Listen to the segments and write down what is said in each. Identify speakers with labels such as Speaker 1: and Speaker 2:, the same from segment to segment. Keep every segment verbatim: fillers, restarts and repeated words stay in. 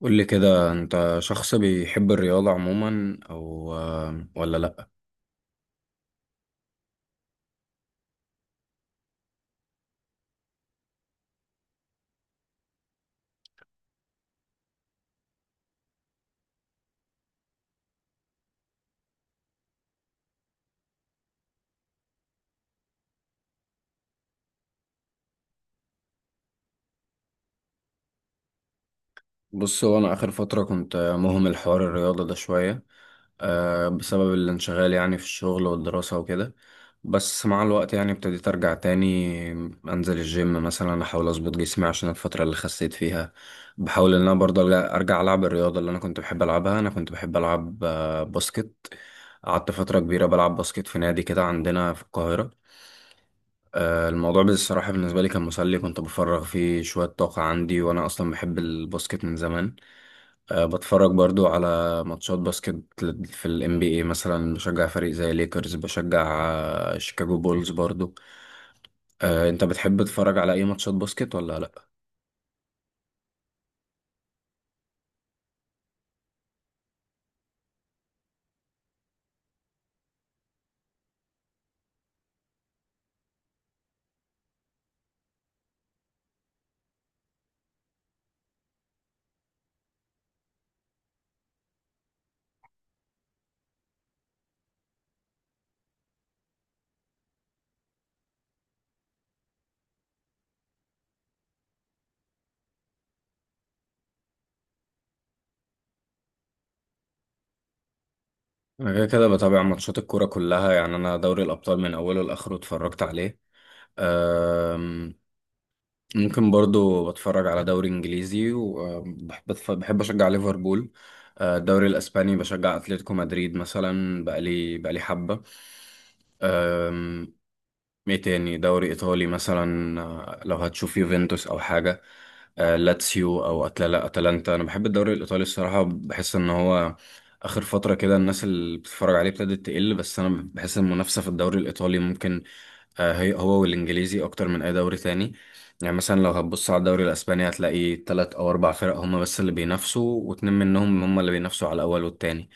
Speaker 1: قول لي كده، انت شخص بيحب الرياضة عموما او آه، ولا لا؟ بص، هو انا اخر فترة كنت مهمل حوار الرياضة ده شوية، آه، بسبب الانشغال، يعني في الشغل والدراسة وكده. بس مع الوقت يعني ابتديت ارجع تاني، انزل الجيم مثلا، احاول اظبط جسمي عشان الفترة اللي خسيت فيها. بحاول ان انا برضه ارجع أرجع العب الرياضة اللي انا كنت بحب العبها، انا كنت بحب العب آه، باسكت. قعدت فترة كبيرة بلعب باسكت في نادي كده عندنا في القاهرة. آه، الموضوع بصراحة بالنسبة لي كان مسلي، كنت بفرغ فيه شوية طاقة عندي، وأنا أصلا بحب الباسكت من زمان. أه، بتفرج برضو على ماتشات باسكت لل- في ال إن بي إيه مثلا، بشجع فريق زي ليكرز، بشجع آه، شيكاغو بولز برضو. أه، أنت بتحب تتفرج على أي ماتشات باسكت ولا لأ؟ أنا كده كده بتابع ماتشات الكورة كلها، يعني أنا دوري الأبطال من أوله لآخره اتفرجت عليه. ممكن برضو بتفرج على دوري انجليزي، وبحب بحب اشجع ليفربول. آه، الدوري الاسباني بشجع اتلتيكو مدريد مثلا، بقالي بقالي حبة. ايه تاني، دوري ايطالي مثلا، آه، لو هتشوف يوفنتوس او حاجه، آه، لاتسيو او اتلا اتلانتا. انا بحب الدوري الايطالي الصراحه، بحس ان هو اخر فتره كده الناس اللي بتتفرج عليه ابتدت تقل، بس انا بحس المنافسه في الدوري الايطالي ممكن آه، هي هو والانجليزي اكتر من اي دوري تاني. يعني مثلا لو هتبص على الدوري الاسباني، هتلاقي تلات او اربع فرق هما بس اللي بينافسوا، واتنين منهم هما اللي بينافسوا على الاول والتاني.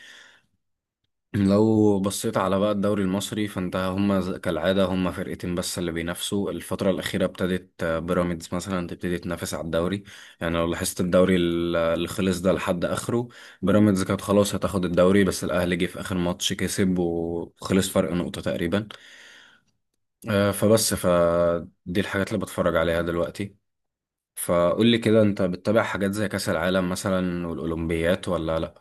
Speaker 1: لو بصيت على بقى الدوري المصري، فانت هما ز- كالعادة هما فرقتين بس اللي بينافسوا. الفترة الأخيرة ابتدت آه، بيراميدز مثلا تبتدي تنافس على الدوري. يعني لو لاحظت الدوري ال- اللي خلص ده لحد آخره، بيراميدز كانت خلاص هتاخد الدوري، بس الأهلي جه في آخر ماتش كسب وخلص فرق نقطة تقريبا. آه، فبس فدي الحاجات اللي بتفرج عليها دلوقتي. فقول لي كده، انت بتتابع حاجات زي كأس العالم مثلا والأولمبيات ولا لأ؟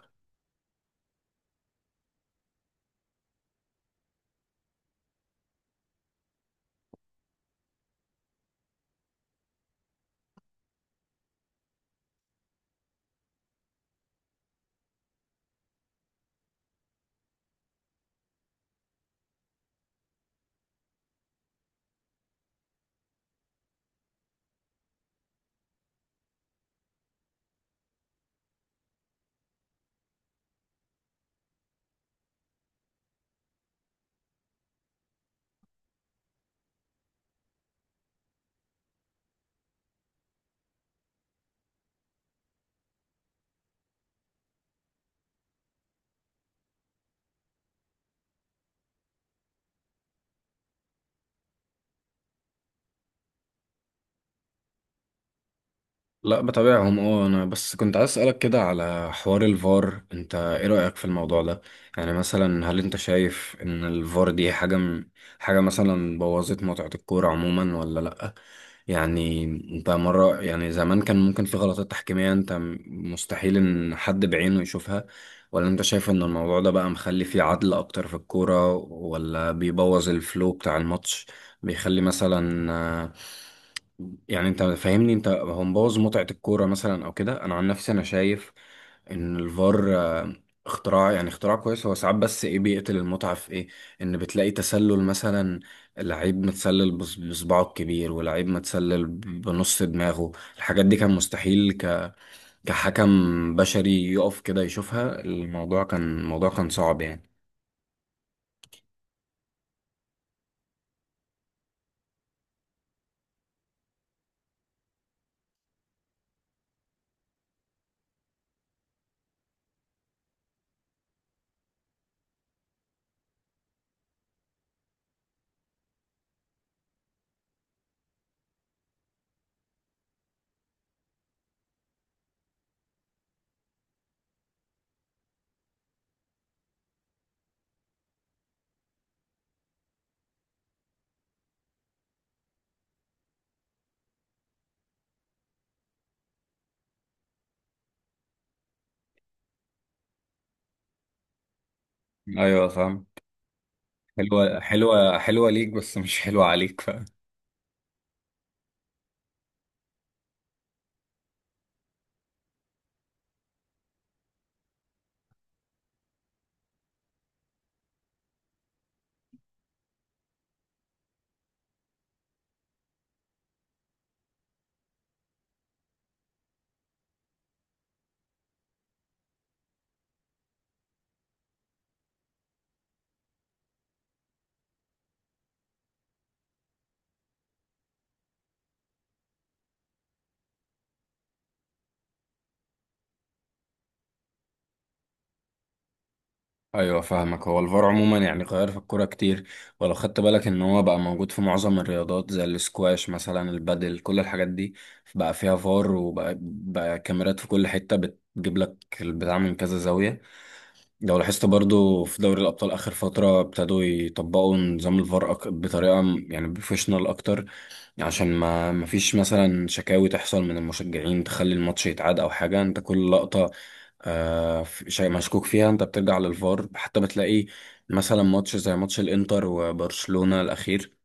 Speaker 1: لا بتابعهم، اه، انا بس كنت عايز اسالك كده على حوار الفار، انت ايه رايك في الموضوع ده؟ يعني مثلا هل انت شايف ان الفار دي حاجه م... حاجه مثلا بوظت متعه الكوره عموما ولا لا؟ يعني انت مره، يعني زمان كان ممكن في غلطات تحكيميه، انت م- مستحيل ان حد بعينه يشوفها، ولا انت شايف ان الموضوع ده بقى مخلي فيه عدل اكتر في الكوره ولا بيبوظ الفلو بتاع الماتش، بيخلي مثلا آه، يعني انت فاهمني؟ انت هو مبوظ متعة الكورة مثلا او كده؟ انا عن نفسي انا شايف ان الفار آه، اختراع، يعني اختراع كويس، هو ساعات بس ايه، بيقتل المتعة في ايه؟ ان بتلاقي تسلل مثلا، لعيب متسلل بص- بصباعه الكبير، ولعيب متسلل ب- بنص دماغه. الحاجات دي كان مستحيل ك... كحكم بشري يقف كده يشوفها، الموضوع كان الموضوع كان صعب يعني. ايوه، فاهم. حلوة، حلوة، حلوة ليك بس مش حلوة عليك. ايوه، فاهمك. هو الفار عموما يعني غير في الكوره كتير. ولو خدت بالك ان هو بقى موجود في معظم الرياضات، زي الاسكواش مثلا، البادل، كل الحاجات دي بقى فيها فار، وبقى بقى كاميرات في كل حته بتجيب لك البتاع من كذا زاويه. لو لاحظت برضو في دوري الابطال اخر فتره ابتدوا يطبقوا نظام الفار أك... بطريقه م- يعني بروفيشنال اكتر، عشان ما ما فيش مثلا شكاوي تحصل من المشجعين تخلي الماتش يتعاد او حاجه. انت كل لقطه آه في- شيء مشكوك فيها، انت بترجع للفار. حتى بتلاقي مثلا ماتش زي ماتش الانتر وبرشلونه الاخير،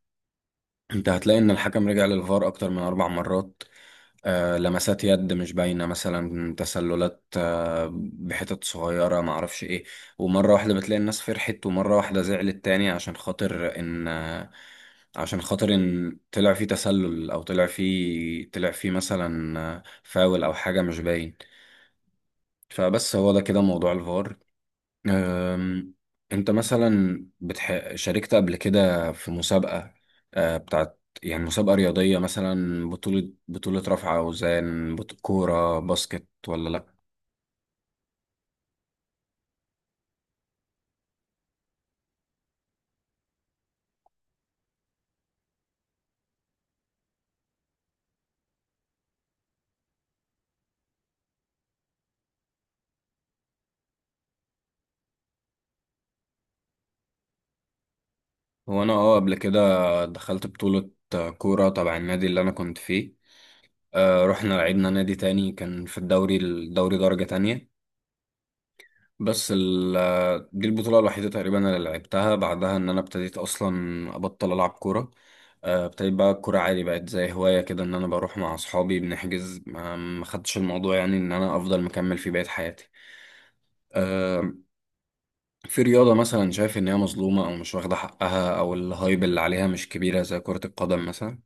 Speaker 1: انت هتلاقي ان الحكم رجع للفار اكتر من اربع مرات، آه، لمسات يد مش باينة مثلا، تسللات آه، بحتت صغيرة، معرفش ايه. ومرة واحدة بتلاقي الناس فرحت ومرة واحدة زعلت تاني، عشان خاطر ان آه، عشان خاطر ان طلع فيه تسلل او طلع فيه طلع فيه مثلا آه، فاول او حاجة مش باين. فبس هو ده كده موضوع الفار. أم، انت مثلا بتح... شاركت قبل كده في مسابقة أه، بتاعت، يعني مسابقة رياضية مثلا، بطولة بطولة رفع أوزان، بط... كورة باسكت ولا لأ؟ هو أنا، اه، قبل كده دخلت بطولة آه، كورة تبع النادي اللي أنا كنت فيه، أه، رحنا لعبنا نادي تاني كان في الدوري الدوري درجة تانية. بس ال دي البطولة الوحيدة تقريبا اللي لعبتها، بعدها إن أنا ابتديت أصلا أبطل ألعب كورة. آه، ابتديت بقى الكورة عادي، بقت زي هواية كده، إن أنا بروح مع أصحابي بنحجز، ما ما خدتش الموضوع يعني إن أنا أفضل مكمل فيه بقية حياتي. آه، في رياضة مثلا شايف إن هي مظلومة أو مش واخدة حقها أو الهايب اللي عليها مش كبيرة زي كرة القدم مثلا؟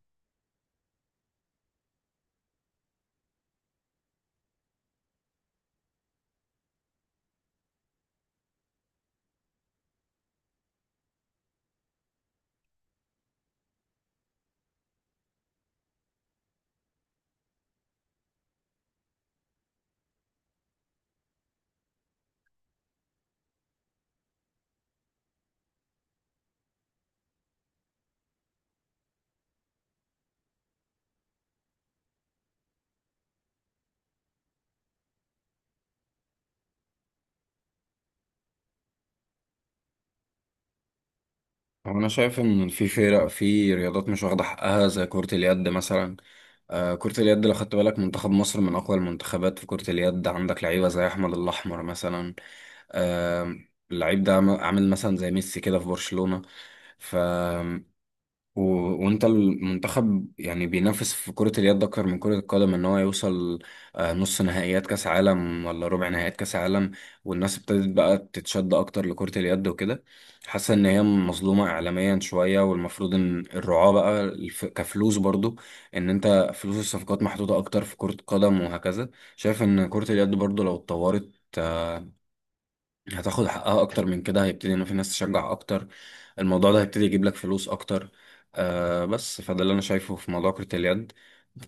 Speaker 1: هو أنا شايف إن في فرق، في رياضات مش واخدة حقها زي كرة اليد مثلا. آه، كرة اليد لو خدت بالك، منتخب مصر من أقوى المنتخبات في كرة اليد، عندك لعيبة زي أحمد الأحمر مثلا. آه، اللعيب ده عم- عامل مثلا زي ميسي كده في برشلونة. ف و... وانت المنتخب يعني بينافس في كرة اليد اكتر من كرة القدم، ان هو يوصل آه، نص نهائيات كاس عالم ولا ربع نهائيات كاس عالم. والناس ابتدت بقى تتشد اكتر لكرة اليد وكده، حاسة ان هي مظلومة اعلاميا شوية، والمفروض ان الرعاة بقى الف- كفلوس برضو، ان انت فلوس الصفقات محطوطة اكتر في كرة القدم وهكذا. شايف ان كرة اليد برضو لو اتطورت هتاخد حقها اكتر من كده، هيبتدي ان في ناس تشجع اكتر، الموضوع ده هيبتدي يجيب لك فلوس اكتر. آه بس فده اللي انا شايفه في موضوع كرة اليد.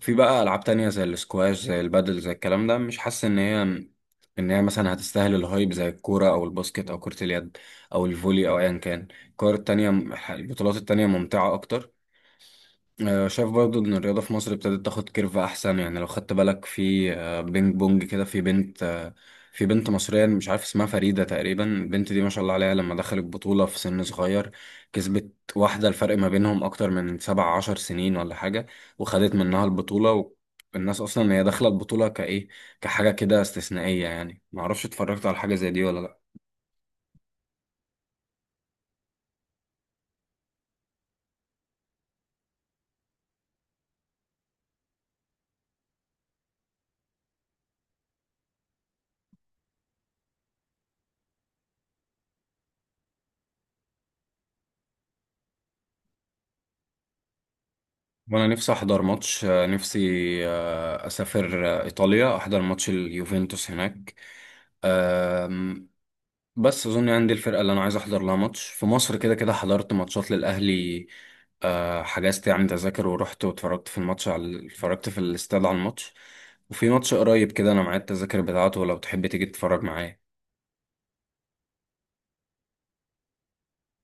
Speaker 1: في بقى العاب تانية زي الاسكواش، زي البادل، زي الكلام ده، مش حاسس ان هي، ان هي مثلا هتستاهل الهايب زي الكورة او الباسكت او كرة اليد او الفولي او ايا كان الكور التانية. البطولات التانية ممتعة اكتر. آه، شايف برضو ان الرياضة في مصر ابتدت تاخد كيرف احسن. يعني لو خدت بالك في آه، بينج بونج كده، في بنت آه، في بنت مصرية مش عارف اسمها فريدة تقريبا، البنت دي ما شاء الله عليها لما دخلت بطولة في سن صغير كسبت واحدة الفرق ما بينهم اكتر من سبع عشر سنين ولا حاجة، وخدت منها البطولة. والناس اصلا هي داخلة البطولة كايه، كحاجة كده استثنائية، يعني معرفش اتفرجت على حاجة زي دي ولا لأ. وانا نفسي احضر ماتش، آه، نفسي آه، اسافر آه، ايطاليا احضر ماتش اليوفنتوس هناك. آم، بس اظن عندي الفرقه اللي انا عايز احضر لها ماتش في مصر كده كده حضرت ماتشات للاهلي. آه، حجزت يعني تذاكر ورحت واتفرجت في الماتش على اتفرجت في الاستاد على الماتش. وفي ماتش قريب كده، انا معايا التذاكر بتاعته لو تحب تيجي تتفرج معايا.